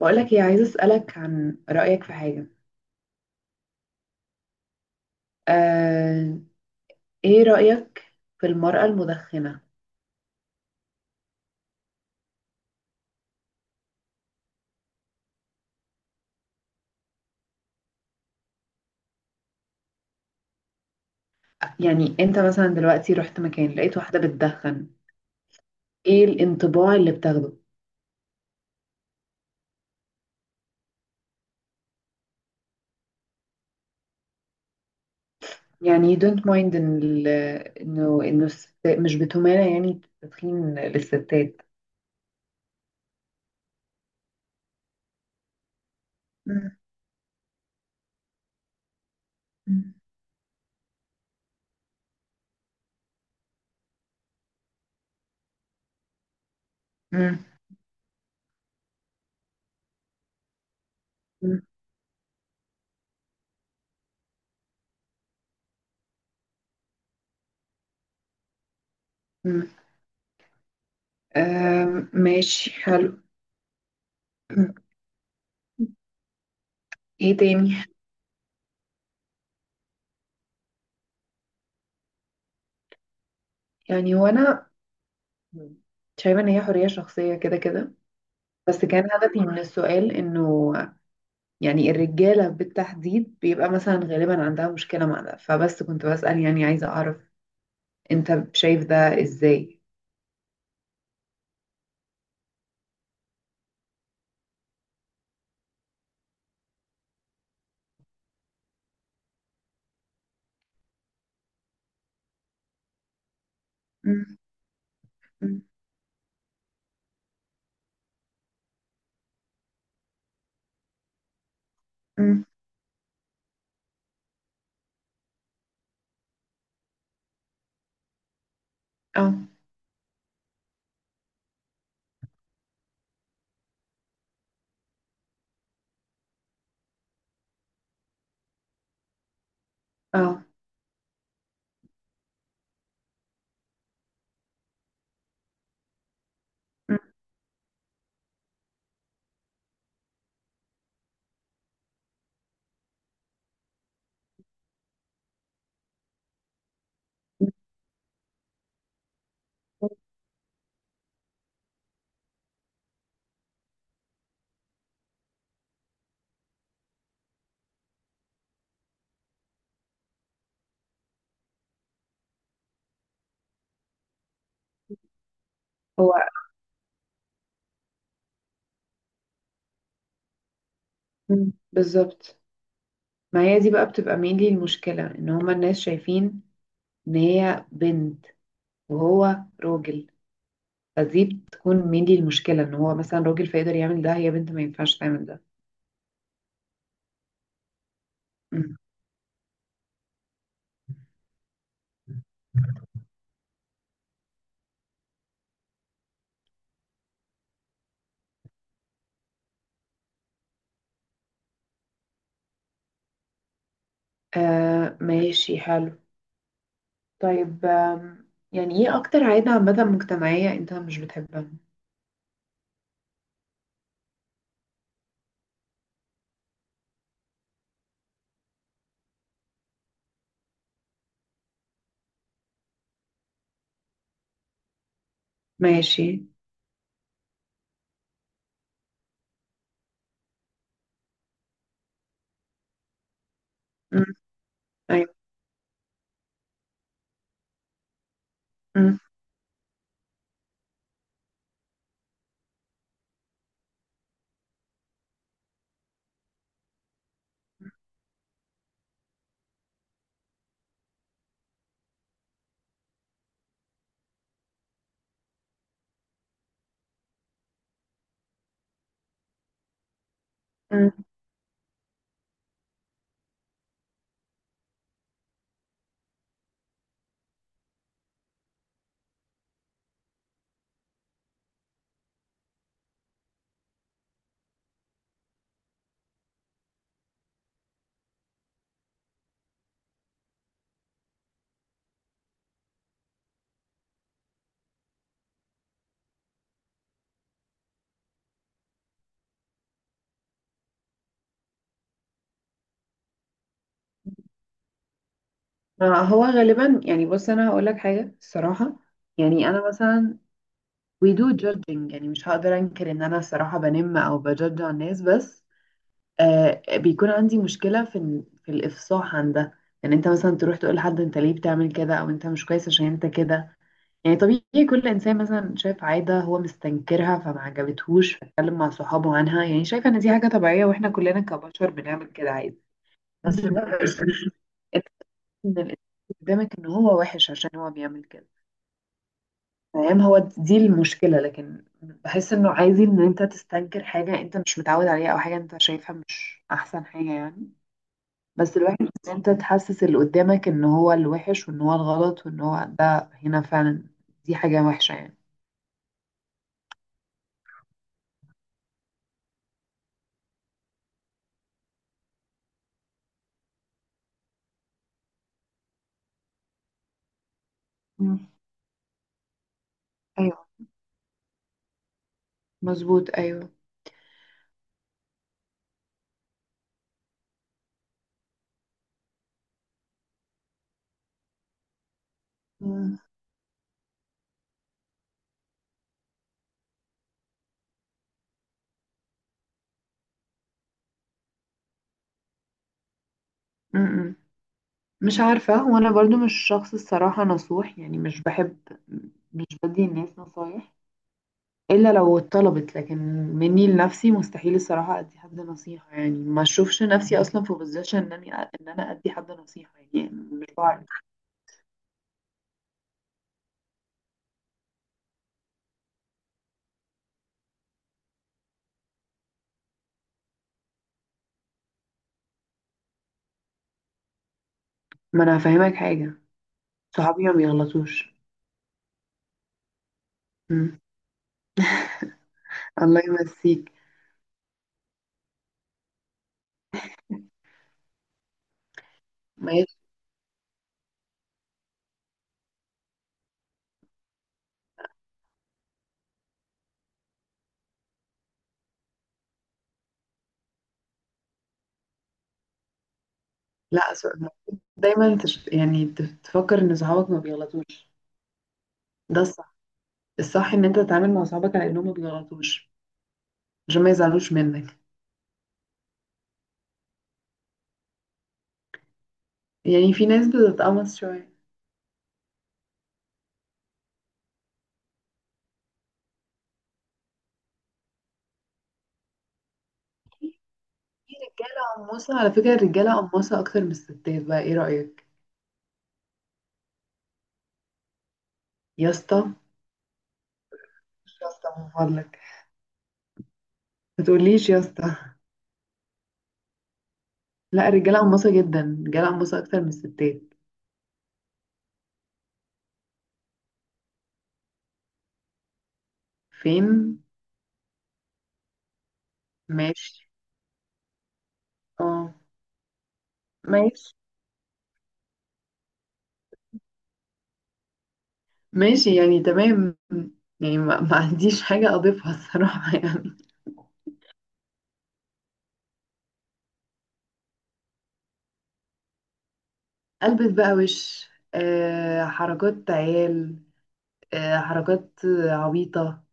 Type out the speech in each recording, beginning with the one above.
بقولك ايه، عايزة أسألك عن رأيك في حاجة. آه، ايه رأيك في المرأة المدخنة؟ يعني انت مثلا دلوقتي رحت مكان لقيت واحدة بتدخن، ايه الانطباع اللي بتاخده؟ يعني you don't mind ان انه مش بتمانع يعني التدخين للستات؟ مم. مم. مم. مم. مم. آم، ماشي، حلو. ايه تاني؟ يعني هو انا شايفة ان هي حرية شخصية، كده كده. بس كان هدفي من السؤال انه يعني الرجالة بالتحديد بيبقى مثلا غالبا عندها مشكلة مع ده، فبس كنت بسأل، يعني عايزة أعرف أنت شايف ده إزاي. أم. أم. أم. اه. اه. أم. هو أم، بالظبط. ما هي دي بقى بتبقى mainly المشكلة، إن هما الناس شايفين إن هي بنت وهو راجل. فدي بتكون mainly المشكلة، إن هو مثلا راجل فيقدر يعمل ده، هي بنت ما ينفعش تعمل ده. أم. آه ماشي حلو. طيب آم، يعني ايه اكتر عادة عامة مجتمعية انت مش بتحبها؟ ماشي. مم. ايوه. مم. مم. ما هو غالبا، يعني بص انا هقول لك حاجة الصراحة. يعني انا مثلا we do judging، يعني مش هقدر انكر ان انا الصراحة بنم او بجدج على الناس، بس آه بيكون عندي مشكلة في في الافصاح عن ده. يعني انت مثلا تروح تقول لحد انت ليه بتعمل كده او انت مش كويس عشان انت كده. يعني طبيعي كل انسان مثلا شاف عاده هو مستنكرها فما عجبتهوش فاتكلم مع صحابه عنها، يعني شايفه ان دي حاجه طبيعيه واحنا كلنا كبشر بنعمل كده عادي. بس بقى إنت ان الانسان قدامك ان هو وحش عشان هو بيعمل كده، فاهم؟ هو دي المشكله، لكن بحس انه عادي ان انت تستنكر حاجه انت مش متعود عليها او حاجه انت شايفها مش احسن حاجه يعني. بس الوحش ان انت تحسس اللي قدامك ان هو الوحش وان هو الغلط وان هو ده هنا فعلا، دي حاجه وحشه يعني. مم. مظبوط، ايوه. مم. م-م. مش عارفة، وانا برضو مش شخص الصراحة نصوح، يعني مش بحب، مش بدي الناس نصايح الا لو اتطلبت. لكن مني لنفسي مستحيل الصراحة ادي حد نصيحة، يعني ما اشوفش نفسي اصلا في بوزيشن انني ان انا ادي حد نصيحة، يعني مش بعرف. ما انا هفهمك حاجة، صحابي ما بيغلطوش. م. الله يمسيك، ماشي. لا أصل يعني تفكر ان صحابك ما بيغلطوش، ده الصح، ان انت تتعامل مع صحابك على انهم ما بيغلطوش عشان ما يزعلوش منك. يعني في ناس بتتقمص شويه. في رجاله قماصه، على فكره الرجاله قماصه اكتر من الستات بقى، ايه رايك؟ يا اسطى. مش يا اسطى من فضلك، ما تقوليش يا اسطى. لا الرجاله قماصه جدا، الرجاله قماصه اكتر من الستات. فين؟ ماشي. اه. ماشي. ماشي يعني، تمام. يعني ما عنديش حاجه اضيفها الصراحه يعني. البس بقى وش. آه حركات عيال، آه، حركات عبيطة،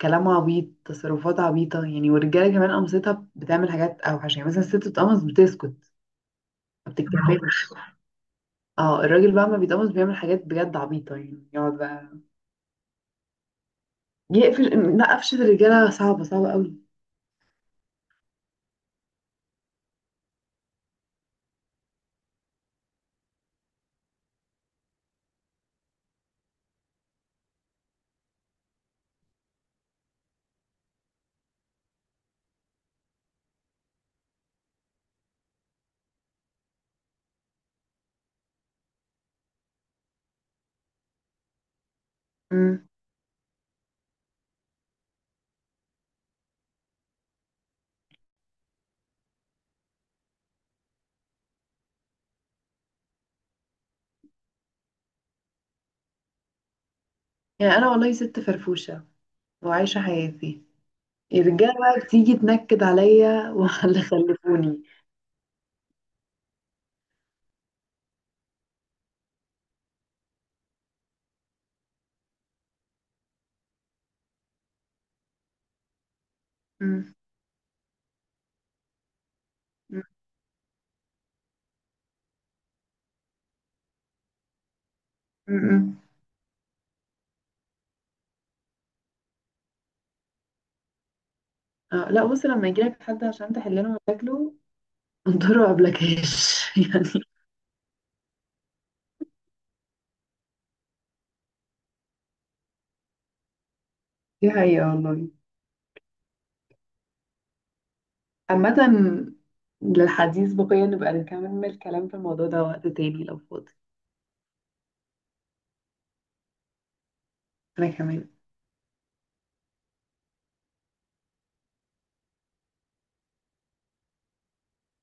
كلام عبيط، تصرفات عبيطة، يعني. والرجالة كمان قمصتها بتعمل حاجات أوحش. يعني مثلا الست بتقمص بتسكت، ما بتتكلمش. اه الراجل بقى ما بيتقمص بيعمل حاجات بجد عبيطة، يعني يقعد بقى يقفل، لا قفشة الرجالة صعبة، صعبة قوي. امم. يعني أنا والله ست فرفوشة وعايشة حياتي، الرجالة بقى بتيجي تنكد عليا واللي خلفوني. مم. مم. مم. اه لا بص، لما يجيلك حد عشان تحل له مشاكله انطره قبل كاش يعني. دي حقيقة والله. عامة، للحديث بقية، نبقى نكمل الكلام في الموضوع ده وقت تاني لو فاضي. أنا كمان.